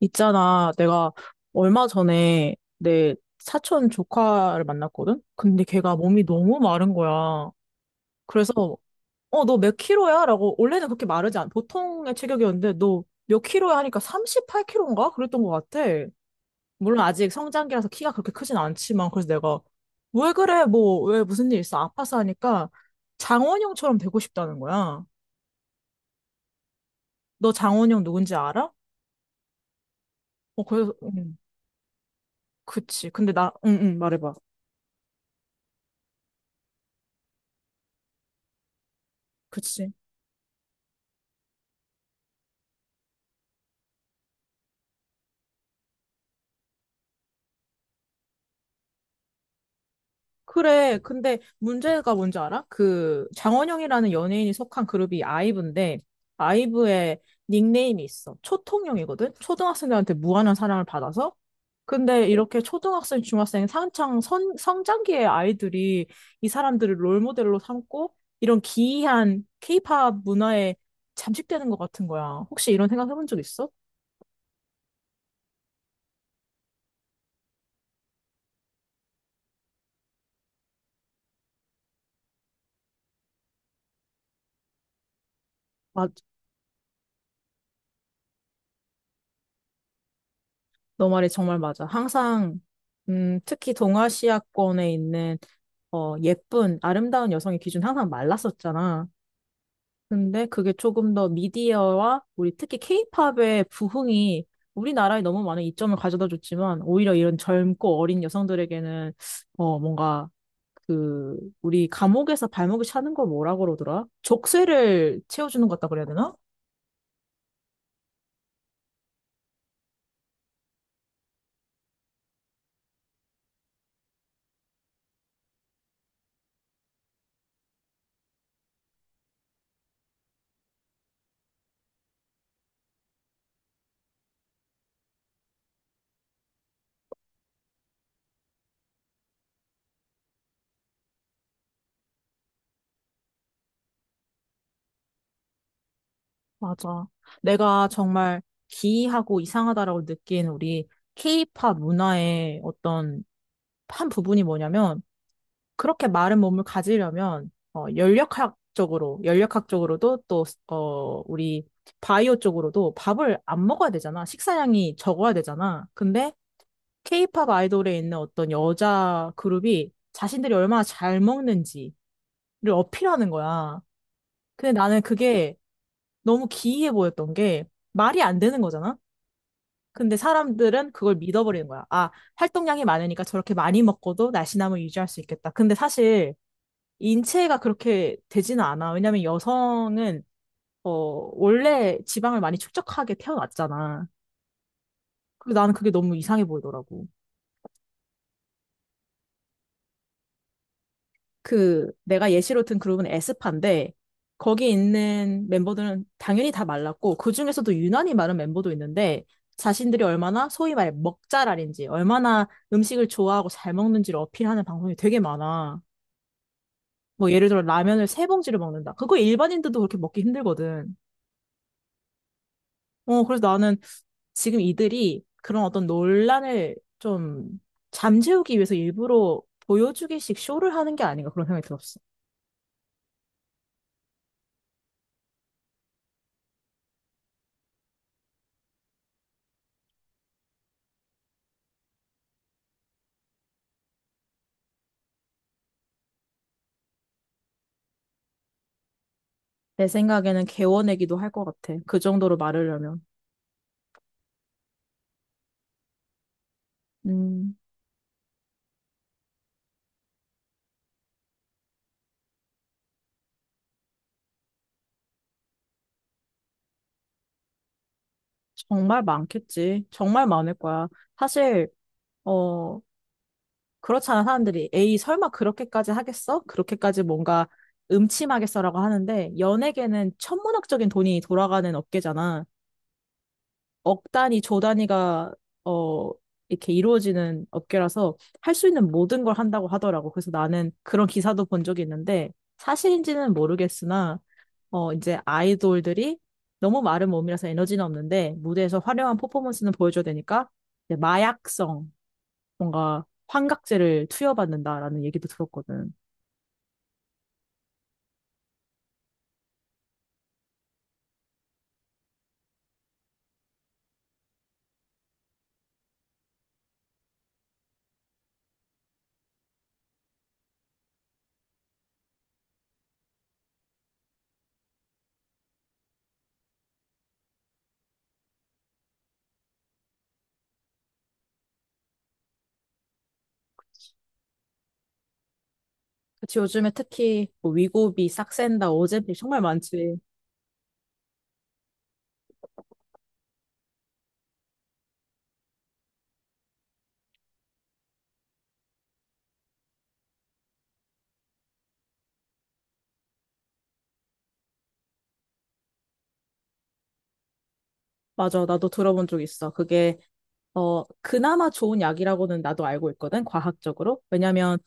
있잖아, 내가 얼마 전에 내 사촌 조카를 만났거든? 근데 걔가 몸이 너무 마른 거야. 그래서, 너 몇 킬로야? 라고, 원래는 그렇게 보통의 체격이었는데, 너 몇 킬로야? 하니까 38킬로인가? 그랬던 것 같아. 물론 아직 성장기라서 키가 그렇게 크진 않지만, 그래서 내가, 왜 그래? 뭐, 왜 무슨 일 있어? 아파서 하니까, 장원영처럼 되고 싶다는 거야. 너 장원영 누군지 알아? 그래서, 그치. 근데 나, 응, 응, 말해봐. 그치. 그래. 근데 문제가 뭔지 알아? 그 장원영이라는 연예인이 속한 그룹이 아이브인데 아이브의 닉네임이 있어. 초통령이거든. 초등학생들한테 무한한 사랑을 받아서. 근데 이렇게 초등학생, 중학생, 성장기의 아이들이 이 사람들을 롤모델로 삼고 이런 기이한 케이팝 문화에 잠식되는 것 같은 거야. 혹시 이런 생각 해본 적 있어? 맞, 너 말이 정말 맞아. 항상 특히 동아시아권에 있는 예쁜, 아름다운 여성의 기준 항상 말랐었잖아. 근데 그게 조금 더 미디어와 우리 특히 케이팝의 부흥이 우리나라에 너무 많은 이점을 가져다 줬지만 오히려 이런 젊고 어린 여성들에게는 뭔가 그 우리 감옥에서 발목이 차는 걸 뭐라 그러더라? 족쇄를 채워주는 것 같다 그래야 되나? 맞아. 내가 정말 기이하고 이상하다라고 느낀 우리 케이팝 문화의 어떤 한 부분이 뭐냐면 그렇게 마른 몸을 가지려면 연력학적으로도 또 우리 바이오 쪽으로도 밥을 안 먹어야 되잖아. 식사량이 적어야 되잖아. 근데 케이팝 아이돌에 있는 어떤 여자 그룹이 자신들이 얼마나 잘 먹는지를 어필하는 거야. 근데 나는 그게 너무 기이해 보였던 게 말이 안 되는 거잖아. 근데 사람들은 그걸 믿어버리는 거야. 아, 활동량이 많으니까 저렇게 많이 먹고도 날씬함을 유지할 수 있겠다. 근데 사실 인체가 그렇게 되지는 않아. 왜냐면 여성은 어, 원래 지방을 많이 축적하게 태어났잖아. 그리고 나는 그게 너무 이상해 보이더라고. 그 내가 예시로 든 그룹은 에스파인데 거기 있는 멤버들은 당연히 다 말랐고 그중에서도 유난히 마른 멤버도 있는데 자신들이 얼마나 소위 말해 먹잘알인지 얼마나 음식을 좋아하고 잘 먹는지를 어필하는 방송이 되게 많아. 뭐 예를 들어 라면을 세 봉지를 먹는다. 그거 일반인들도 그렇게 먹기 힘들거든. 그래서 나는 지금 이들이 그런 어떤 논란을 좀 잠재우기 위해서 일부러 보여주기식 쇼를 하는 게 아닌가 그런 생각이 들었어. 내 생각에는 개워내기도 할 것 같아. 그 정도로 말하려면. 음, 정말 많겠지. 정말 많을 거야. 사실, 어, 그렇잖아. 사람들이. 에이, 설마 그렇게까지 하겠어? 그렇게까지 뭔가 음침하겠어라고 하는데, 연예계는 천문학적인 돈이 돌아가는 업계잖아. 억 단위, 조 단위가 어 이렇게 이루어지는 업계라서 할 수 있는 모든 걸 한다고 하더라고. 그래서 나는 그런 기사도 본 적이 있는데 사실인지는 모르겠으나 이제 아이돌들이 너무 마른 몸이라서 에너지는 없는데 무대에서 화려한 퍼포먼스는 보여줘야 되니까 이제 마약성 뭔가 환각제를 투여받는다라는 얘기도 들었거든. 그치, 요즘에 특히 뭐 위고비, 싹센다, 오젬필 정말 많지. 맞아, 나도 들어본 적 있어. 그게 그나마 좋은 약이라고는 나도 알고 있거든, 과학적으로. 왜냐면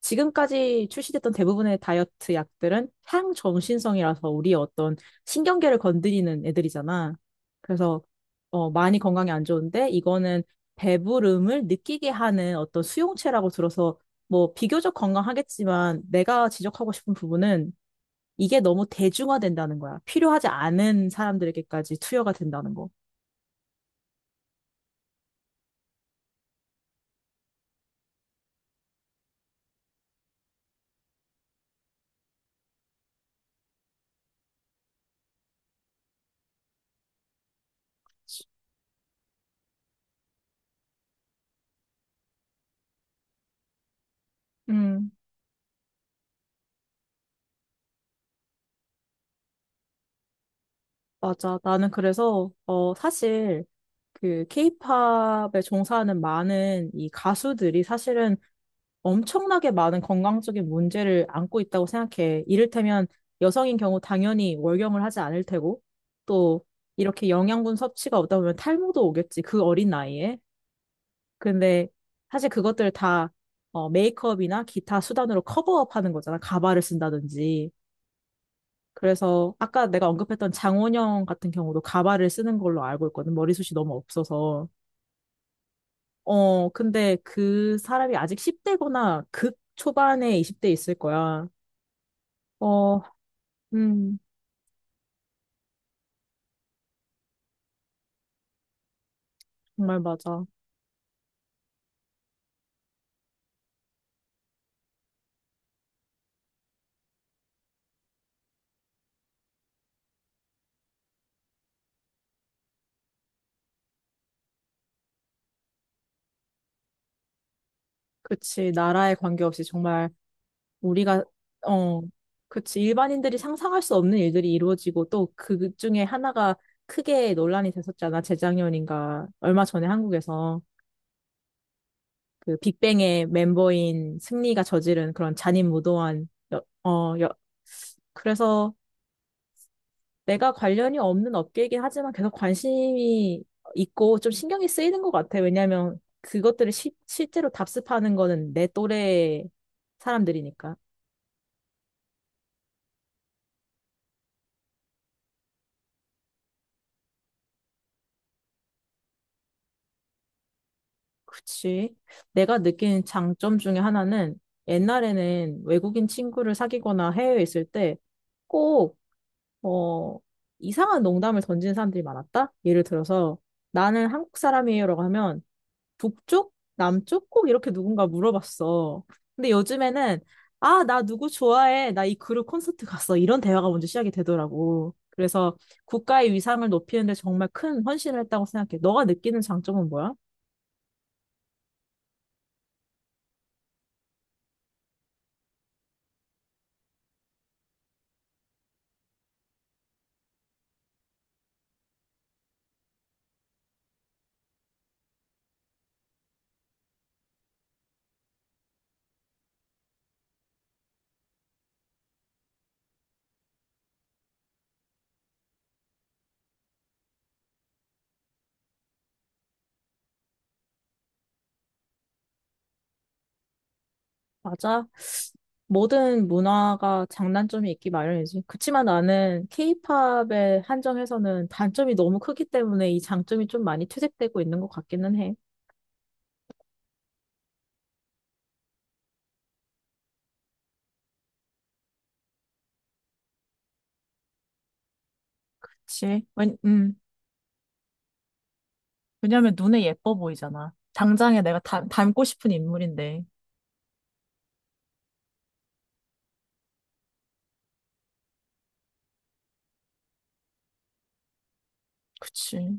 지금까지 출시됐던 대부분의 다이어트 약들은 향정신성이라서 우리의 어떤 신경계를 건드리는 애들이잖아. 그래서 많이 건강에 안 좋은데 이거는 배부름을 느끼게 하는 어떤 수용체라고 들어서 뭐 비교적 건강하겠지만 내가 지적하고 싶은 부분은 이게 너무 대중화된다는 거야. 필요하지 않은 사람들에게까지 투여가 된다는 거. 음. 맞아. 나는 그래서, 사실, 그, 케이팝에 종사하는 많은 이 가수들이 사실은 엄청나게 많은 건강적인 문제를 안고 있다고 생각해. 이를테면 여성인 경우 당연히 월경을 하지 않을 테고, 또 이렇게 영양분 섭취가 없다 보면 탈모도 오겠지. 그 어린 나이에. 근데 사실 그것들 다, 메이크업이나 기타 수단으로 커버업 하는 거잖아. 가발을 쓴다든지. 그래서 아까 내가 언급했던 장원영 같은 경우도 가발을 쓰는 걸로 알고 있거든. 머리숱이 너무 없어서. 근데 그 사람이 아직 10대거나 극 초반에 20대 있을 거야. 어, 음, 정말 맞아. 그치. 나라에 관계없이 정말 우리가, 어, 그치. 일반인들이 상상할 수 없는 일들이 이루어지고 또 그 중에 하나가 크게 논란이 됐었잖아. 재작년인가. 얼마 전에 한국에서. 그 빅뱅의 멤버인 승리가 저지른 그런 잔인무도한 여, 어, 여, 그래서 내가 관련이 없는 업계이긴 하지만 계속 관심이 있고 좀 신경이 쓰이는 것 같아. 왜냐하면 그것들을 실제로 답습하는 거는 내 또래 사람들이니까. 그치. 내가 느낀 장점 중에 하나는 옛날에는 외국인 친구를 사귀거나 해외에 있을 때꼭 어, 이상한 농담을 던지는 사람들이 많았다? 예를 들어서, 나는 한국 사람이에요라고 하면, 북쪽? 남쪽? 꼭 이렇게 누군가 물어봤어. 근데 요즘에는, 아, 나 누구 좋아해. 나 이 그룹 콘서트 갔어. 이런 대화가 먼저 시작이 되더라고. 그래서 국가의 위상을 높이는데 정말 큰 헌신을 했다고 생각해. 너가 느끼는 장점은 뭐야? 맞아. 모든 문화가 장단점이 있기 마련이지. 그치만 나는 케이팝에 한정해서는 단점이 너무 크기 때문에 이 장점이 좀 많이 퇴색되고 있는 것 같기는 해. 그치? 왜, 왜냐면 눈에 예뻐 보이잖아. 당장에 내가 닮고 싶은 인물인데. 그치.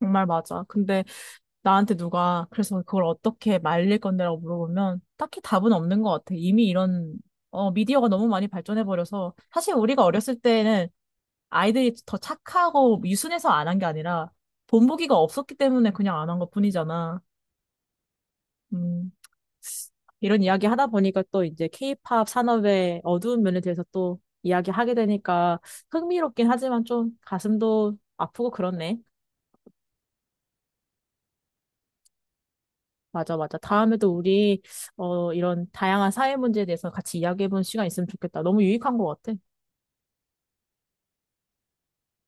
정말 맞아. 근데 나한테 누가 그래서 그걸 어떻게 말릴 건데라고 물어보면 딱히 답은 없는 것 같아. 이미 이런 미디어가 너무 많이 발전해버려서 사실 우리가 어렸을 때는 아이들이 더 착하고 유순해서 안 한 게 아니라 본보기가 없었기 때문에 그냥 안 한 것뿐이잖아. 음, 이런 이야기 하다 보니까 또 이제 케이팝 산업의 어두운 면에 대해서 또 이야기하게 되니까 흥미롭긴 하지만 좀 가슴도 아프고 그렇네. 맞아, 맞아. 다음에도 우리 이런 다양한 사회 문제에 대해서 같이 이야기해보는 시간 있으면 좋겠다. 너무 유익한 것 같아.